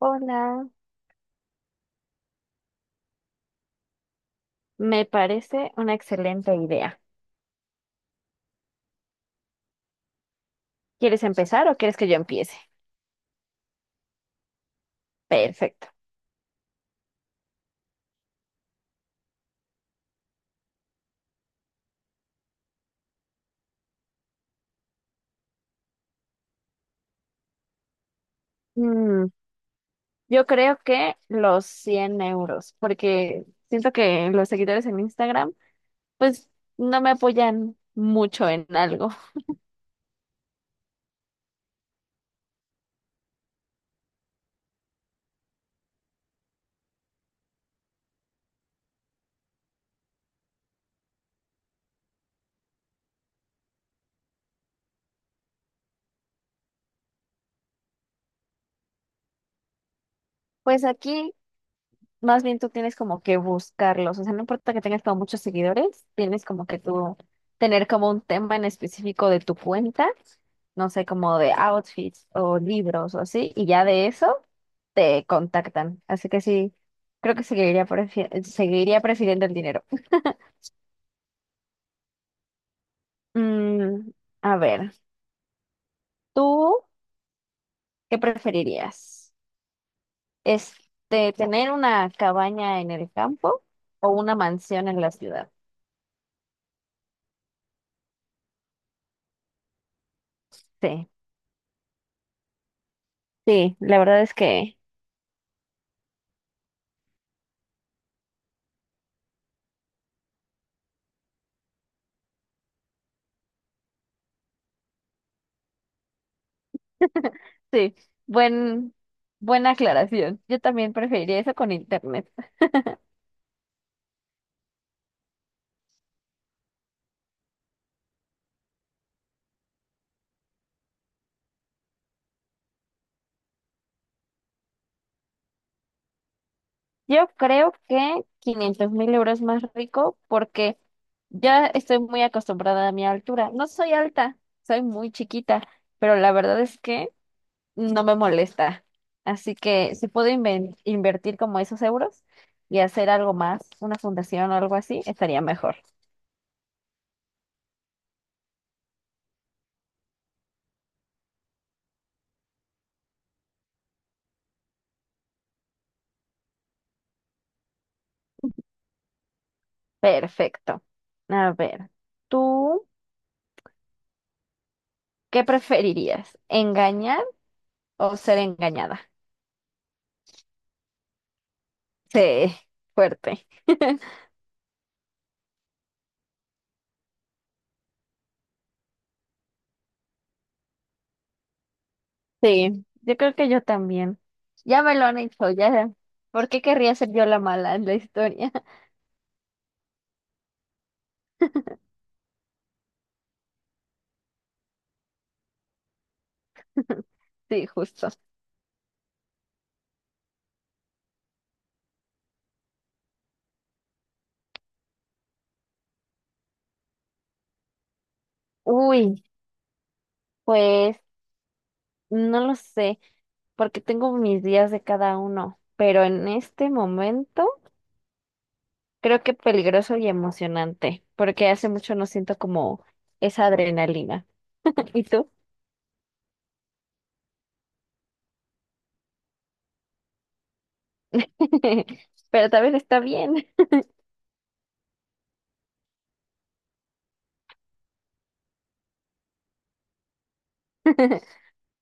Hola, me parece una excelente idea. ¿Quieres empezar o quieres que yo empiece? Perfecto. Mm, yo creo que los 100 euros, porque siento que los seguidores en Instagram, pues no me apoyan mucho en algo. Pues aquí, más bien tú tienes como que buscarlos, o sea, no importa que tengas como muchos seguidores, tienes como que tú tener como un tema en específico de tu cuenta, no sé, como de outfits o libros o así, y ya de eso. Te contactan. Así que sí, creo que seguiría, seguiría prefiriendo el dinero. Mm, a ver, ¿tú qué preferirías? ¿Tener una cabaña en el campo o una mansión en la ciudad? Sí, sí, la verdad es que sí, buen, buena aclaración. Yo también preferiría eso con internet. Yo creo que 500.000 euros más rico porque ya estoy muy acostumbrada a mi altura. No soy alta, soy muy chiquita, pero la verdad es que no me molesta. Así que si puedo invertir como esos euros y hacer algo más, una fundación o algo así, estaría mejor. Perfecto. A ver, ¿tú qué preferirías? ¿Engañar o ser engañada? Sí, fuerte. Sí, yo creo que yo también. Ya me lo han hecho, ya. ¿Por qué querría ser yo la mala en la historia? Sí, justo. Uy, pues no lo sé, porque tengo mis días de cada uno, pero en este momento creo que peligroso y emocionante, porque hace mucho no siento como esa adrenalina. ¿Y tú? Pero también está bien.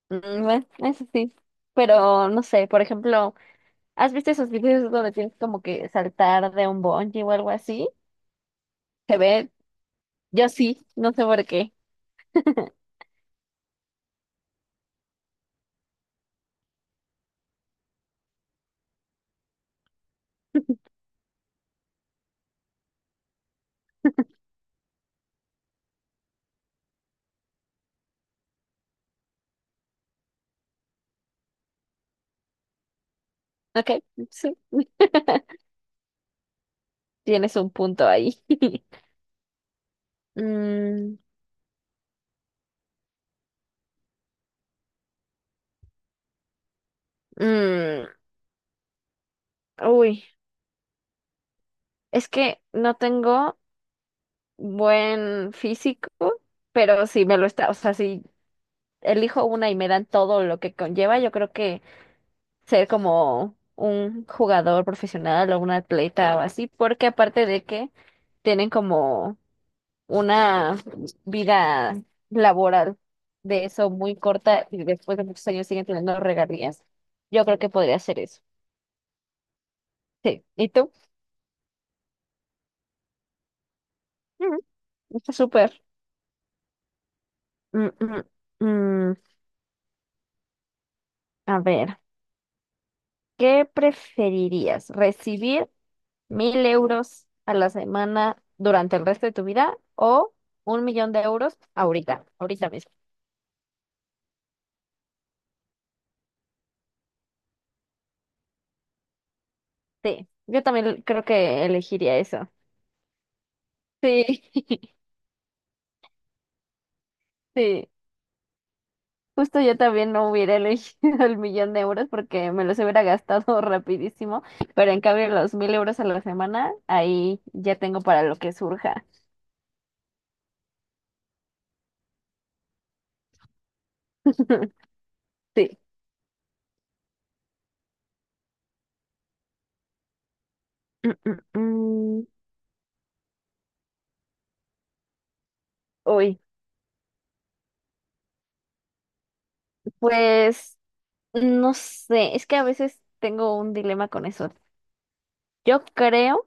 Bueno, eso sí. Pero no sé, por ejemplo. ¿Has visto esos videos donde tienes como que saltar de un bungee o algo así? Se ve, yo sí, no sé por qué. Ok, sí, tienes un punto ahí. Mm, mm, uy, es que no tengo buen físico, pero si me lo está, o sea, si elijo una y me dan todo lo que conlleva, yo creo que ser como un jugador profesional o un atleta o así, porque aparte de que tienen como una vida laboral de eso muy corta y después de muchos años siguen teniendo regalías. Yo creo que podría ser eso. Sí. ¿Y tú? Mm, está súper. Mm, mm, mm. A ver, ¿qué preferirías? ¿Recibir 1.000 euros a la semana durante el resto de tu vida o 1 millón de euros ahorita, ahorita mismo? Sí, yo también creo que elegiría eso. Sí, sí. Justo yo también no hubiera elegido el 1 millón de euros porque me los hubiera gastado rapidísimo, pero en cambio los 1.000 euros a la semana, ahí ya tengo para lo que surja. Sí. Mm, mm, mm. Uy, pues no sé, es que a veces tengo un dilema con eso. Yo creo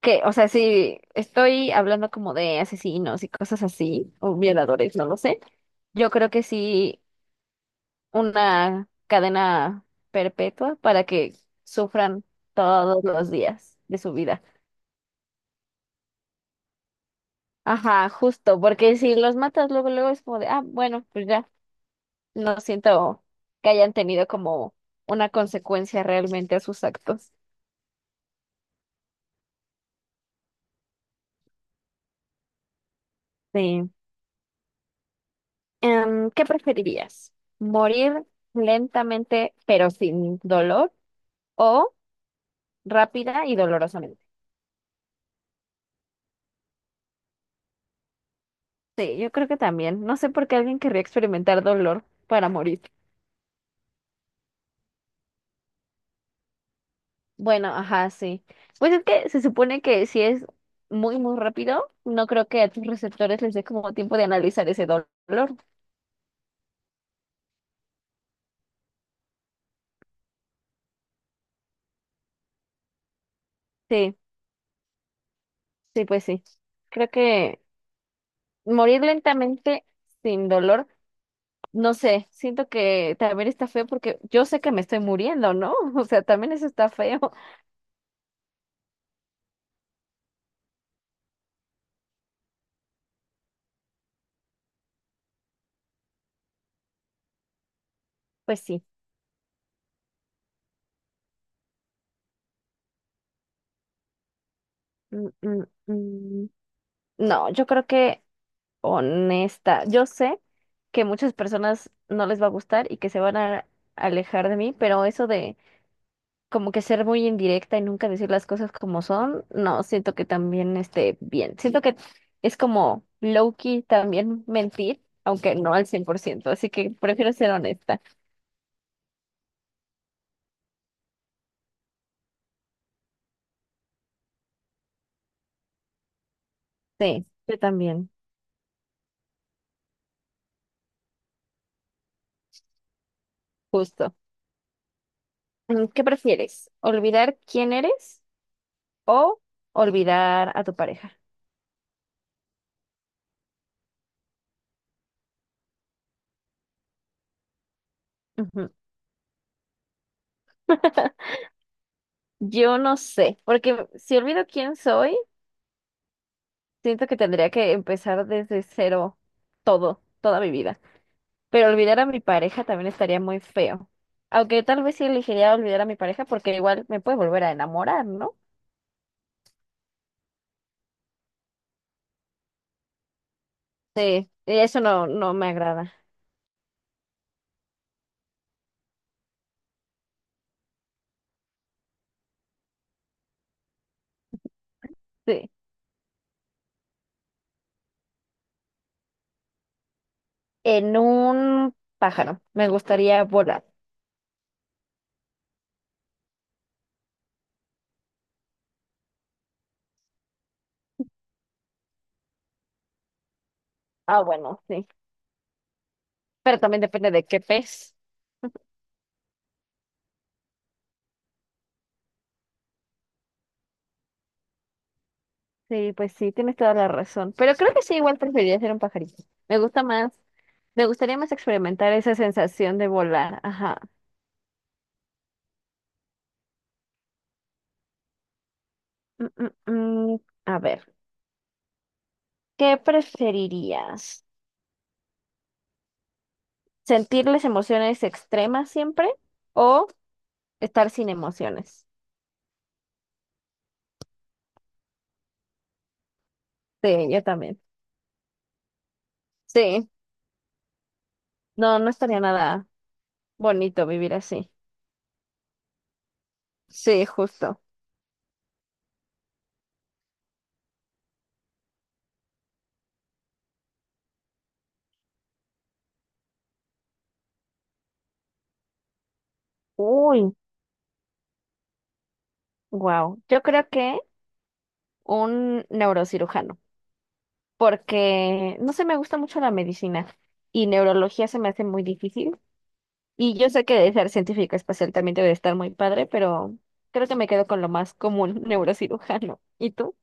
que, o sea, si estoy hablando como de asesinos y cosas así, o violadores, no lo sé, yo creo que sí una cadena perpetua para que sufran todos los días de su vida. Ajá, justo, porque si los matas luego, luego es como de, ah, bueno, pues ya, no siento que hayan tenido como una consecuencia realmente a sus actos. Sí. ¿Qué preferirías? ¿Morir lentamente pero sin dolor o rápida y dolorosamente? Sí, yo creo que también. No sé por qué alguien querría experimentar dolor para morir. Bueno, ajá, sí. Pues es que se supone que si es muy, muy rápido, no creo que a tus receptores les dé como tiempo de analizar ese dolor. Sí, sí, pues sí. Creo que morir lentamente sin dolor, no sé, siento que también está feo porque yo sé que me estoy muriendo, ¿no? O sea, también eso está feo. Pues sí. Mm, mm, mm. No, yo creo que honesta, yo sé que muchas personas no les va a gustar y que se van a alejar de mí, pero eso de como que ser muy indirecta y nunca decir las cosas como son, no, siento que también esté bien. Siento que es como low-key también mentir, aunque no al 100%, así que prefiero ser honesta. Sí, yo también, justo. ¿Qué prefieres? ¿Olvidar quién eres o olvidar a tu pareja? Ujú. Yo no sé, porque si olvido quién soy, siento que tendría que empezar desde cero todo, toda mi vida. Pero olvidar a mi pareja también estaría muy feo. Aunque tal vez sí elegiría olvidar a mi pareja porque igual me puede volver a enamorar, ¿no? Sí, y eso no, no me agrada. Sí. En un pájaro, me gustaría volar. Ah, bueno, sí. Pero también depende de qué pez. Sí, pues sí, tienes toda la razón. Pero creo que sí, igual preferiría ser un pajarito. Me gusta más, me gustaría más experimentar esa sensación de volar. Ajá. Mm, mm, mm. A ver, ¿qué preferirías? ¿Sentirles emociones extremas siempre o estar sin emociones? Sí, yo también. Sí, no, no estaría nada bonito vivir así. Sí, justo. Uy, wow. Yo creo que un neurocirujano, porque no sé, me gusta mucho la medicina y neurología se me hace muy difícil. Y yo sé que de ser científica espacial también debe de estar muy padre, pero creo que me quedo con lo más común, neurocirujano. ¿Y tú?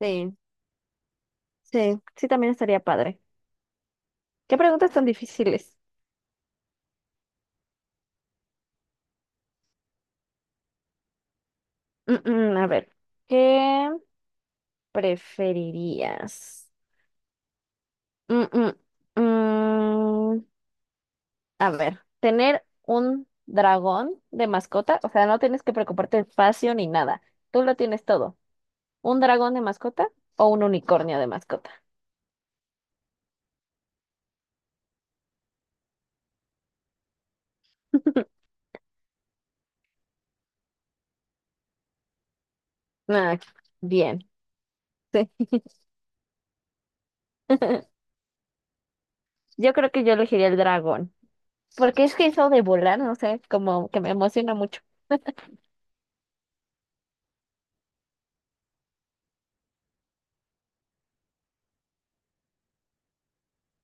Sí, sí, sí, también estaría padre. ¿Qué preguntas tan difíciles? A ver, ¿qué preferirías? Mm, mm, mm, a ver, tener un dragón de mascota, o sea, no tienes que preocuparte de espacio ni nada, tú lo tienes todo. ¿Un dragón de mascota o un unicornio de mascota? Ah, bien, sí. Yo creo que yo elegiría el dragón, porque es que eso de volar, no sé, como que me emociona mucho.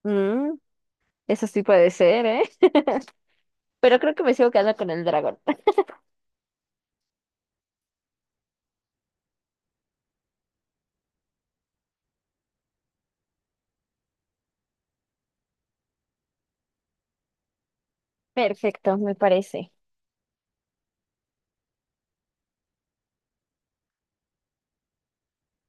Mm, Eso sí puede ser, ¿eh? Pero creo que me sigo quedando con el dragón. Perfecto, me parece.